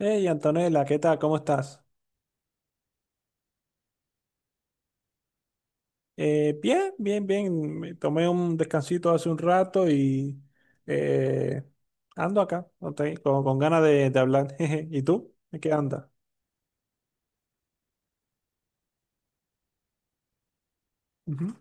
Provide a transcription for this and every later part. Hey Antonella, ¿qué tal? ¿Cómo estás? Bien, bien, bien. Me tomé un descansito hace un rato y eh, ando acá, ok, con ganas de hablar. Jeje. ¿Y tú? ¿En qué andas? Ujú.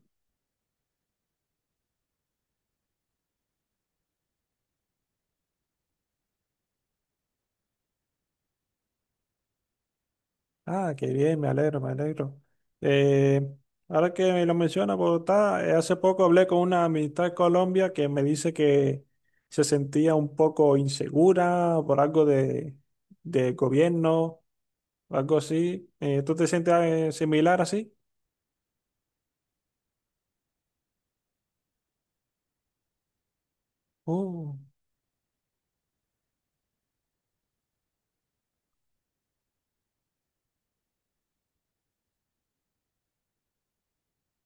Ah, qué bien, me alegro, me alegro. Eh, ahora que me lo menciona, Bogotá, hace poco hablé con una amistad de Colombia que me dice que se sentía un poco insegura por algo de gobierno, algo así. ¿Tú te sientes similar así? Oh,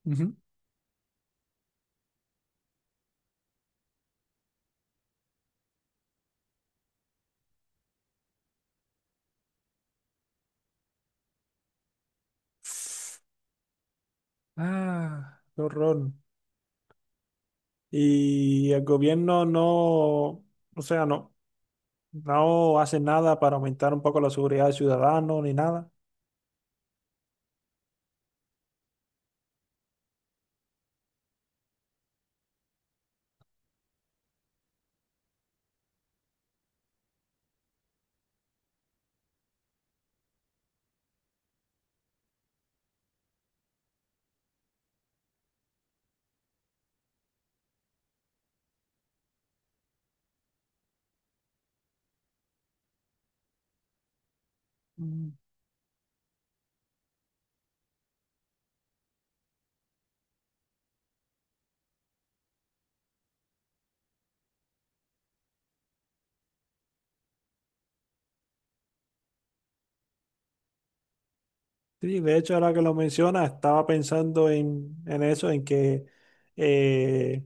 ujú. Ah, qué horror. Y el gobierno no, o sea, no, no hace nada para aumentar un poco la seguridad del ciudadano ni nada. Mm. Sí, de hecho, ahora que lo menciona, estaba pensando en eso, en que eh,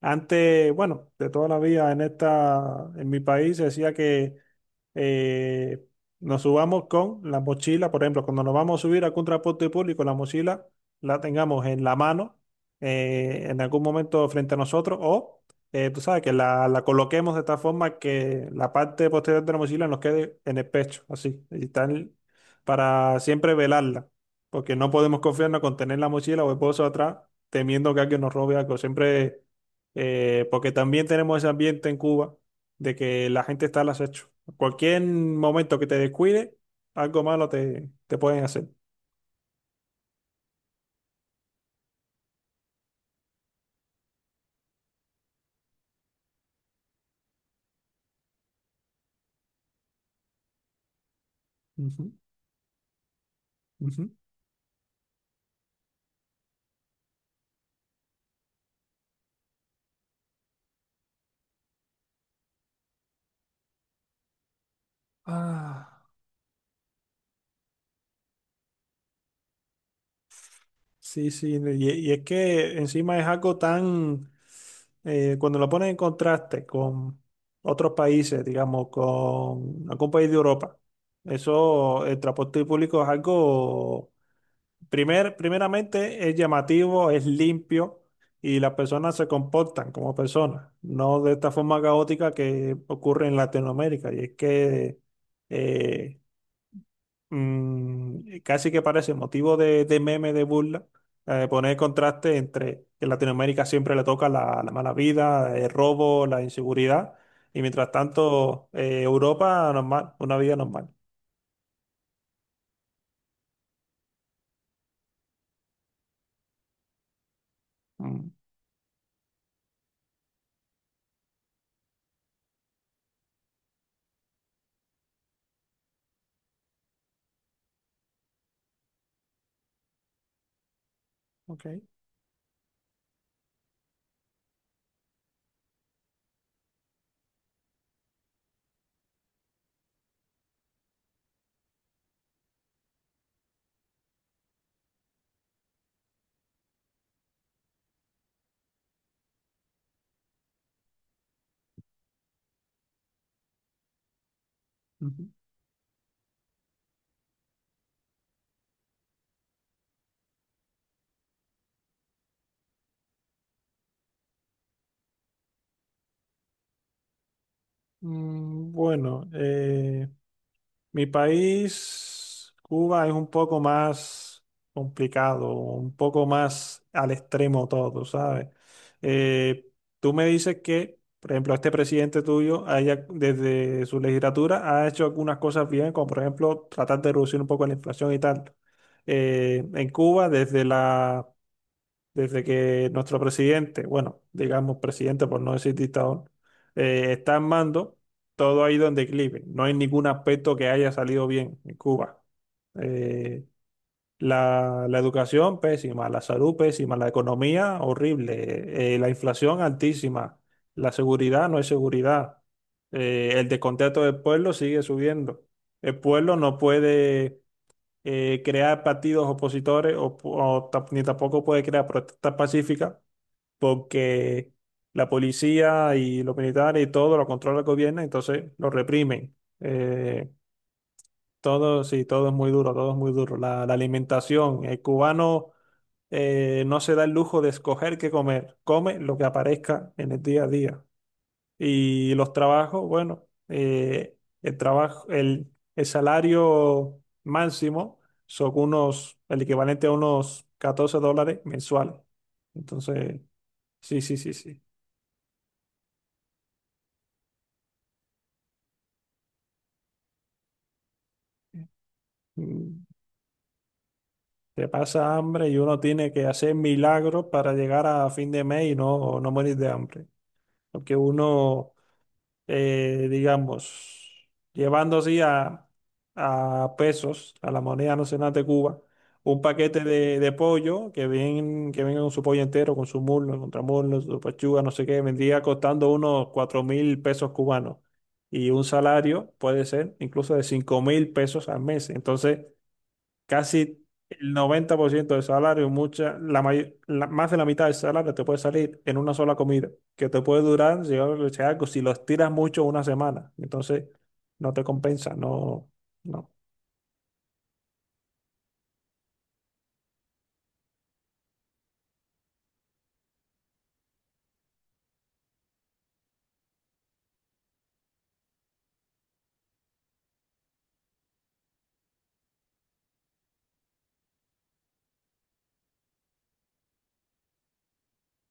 antes, bueno, de toda la vida en esta, en mi país se decía que eh, nos subamos con la mochila, por ejemplo, cuando nos vamos a subir a algún transporte público, la mochila la tengamos en la mano, en algún momento frente a nosotros, o tú sabes, que la coloquemos de tal forma que la parte posterior de la mochila nos quede en el pecho, así, y tal, para siempre velarla, porque no podemos confiarnos con tener la mochila o el bolso atrás, temiendo que alguien nos robe algo, siempre porque también tenemos ese ambiente en Cuba de que la gente está al acecho. Cualquier momento que te descuide, algo malo te, te pueden hacer. Ujú, ujú. Ah, sí, sí. Y es que encima es algo tan, cuando lo pones en contraste con otros países, digamos, con algún país de Europa, eso, el transporte público es algo… Primer, primeramente es llamativo, es limpio y las personas se comportan como personas, no de esta forma caótica que ocurre en Latinoamérica. Y es que eh, casi que parece motivo de meme, de burla, poner contraste entre que en Latinoamérica siempre le toca la, la mala vida, el robo, la inseguridad, y mientras tanto Europa normal, una vida normal. Mm, ok. Ujú. Mm, bueno. Mi país, Cuba, es un poco más complicado, un poco más al extremo todo, ¿sabes? Eh, tú me dices que, por ejemplo, este presidente tuyo, haya- desde su legislatura, ha hecho algunas cosas bien, como por ejemplo tratar de reducir un poco la inflación y tal. En Cuba, desde la desde que nuestro presidente, bueno, digamos presidente por no decir dictador, está en mando, todo ha ido en declive. No hay ningún aspecto que haya salido bien en Cuba. Eh, la, la educación pésima, la salud pésima, la economía horrible, la inflación altísima, la seguridad no hay seguridad, el descontento del pueblo sigue subiendo. El pueblo no puede crear partidos opositores o ta- ni tampoco puede crear protestas pacíficas porque la policía y los militares y todo lo controla el gobierno, entonces lo reprimen. Todo, sí, todo es muy duro, todo es muy duro. La alimentación, el cubano no se da el lujo de escoger qué comer, come lo que aparezca en el día a día. Y los trabajos, bueno, el trabajo, el salario máximo son unos, el equivalente a unos 14 dólares mensuales. Entonces, sí, sí, sí, sí. Mm, te pasa hambre y uno tiene que hacer milagros para llegar a fin de mes y no, no morir de hambre. Porque uno digamos, llevando así a pesos, a la moneda nacional de Cuba, un paquete de pollo que ven, que venga con su pollo entero, con su muslo, contramuslo, su pechuga, no sé qué, vendría costando unos 4.000 pesos cubanos. Y un salario puede ser incluso de 5.000 pesos al mes. Entonces, casi el 90% del salario, mucha, la may- la- más de la mitad del salario te puede salir en una sola comida, que te puede durar, si yo- si algo, si lo estiras mucho, una semana. Entonces, no te compensa, no, no,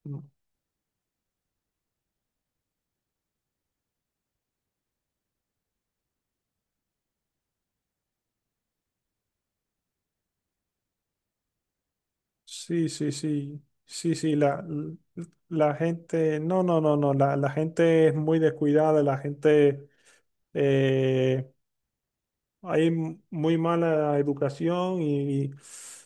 no. Sí, sí, sí, sí, sí, la, la la gente, no, no, no, no, la gente es muy descuidada, la gente… eh, hay m- muy mala educación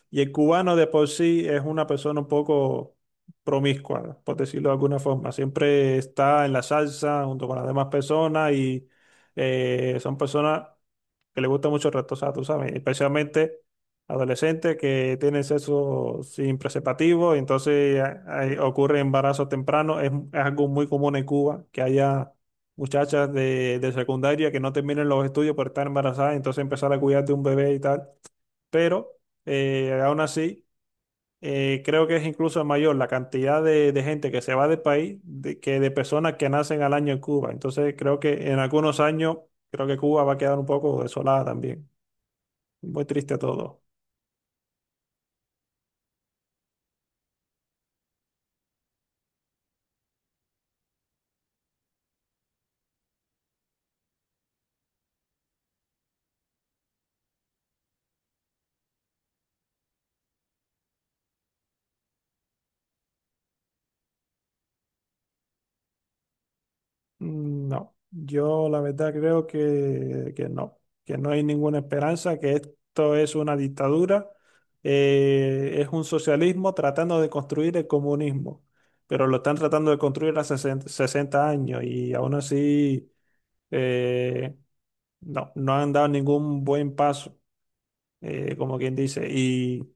y el cubano de por sí es una persona un poco promiscua, por decirlo de alguna forma. Siempre está en la salsa junto con las demás personas y son personas que les gusta mucho retosar, tú sabes, especialmente adolescentes que tienen sexo sin preservativo y entonces ocurre embarazo temprano. Es algo muy común en Cuba que haya muchachas de secundaria que no terminen los estudios por estar embarazadas, entonces empezar a cuidar de un bebé y tal. Pero aún así, creo que es incluso mayor la cantidad de gente que se va del país de- que de personas que nacen al año en Cuba. Entonces creo que en algunos años, creo que Cuba va a quedar un poco desolada también. Muy triste todo. Mm, no, yo la verdad creo que no hay ninguna esperanza, que esto es una dictadura, es un socialismo tratando de construir el comunismo, pero lo están tratando de construir hace 60, 60 años y aún así eh, no, no han dado ningún buen paso como quien dice, y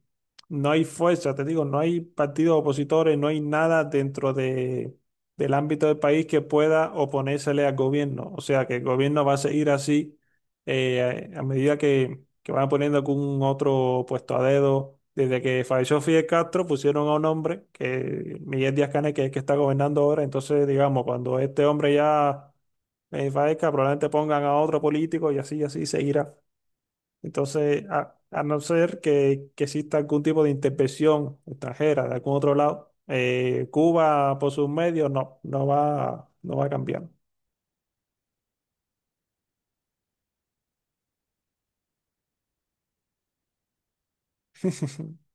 no hay fuerza, te digo, no hay partidos opositores, no hay nada dentro de, del ámbito del país que pueda oponérsele al gobierno. O sea, que el gobierno va a seguir así a medida que van poniendo algún otro puesto a dedo. Desde que falleció Fidel Castro, pusieron a un hombre, que Miguel Díaz-Canel, que es el que está gobernando ahora. Entonces, digamos, cuando este hombre ya fallezca, probablemente pongan a otro político y así seguirá. Entonces, a no ser que exista algún tipo de intervención extranjera de algún otro lado, Cuba por sus medios no, no va, no va a cambiar.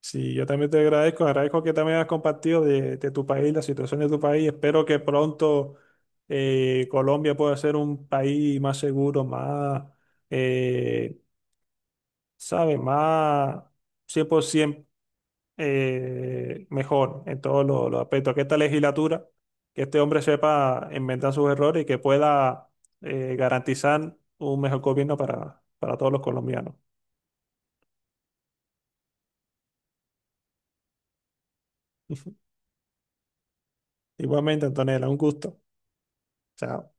Sí, yo también te agradezco, agradezco que también has compartido de tu país, la situación de tu país. Espero que pronto Colombia pueda ser un país más seguro, más, eh, ¿sabes? Más 100%, mejor en todos los aspectos, que esta legislatura, que este hombre sepa inventar sus errores y que pueda garantizar un mejor gobierno para todos los colombianos. Igualmente, Antonella, un gusto. Chao.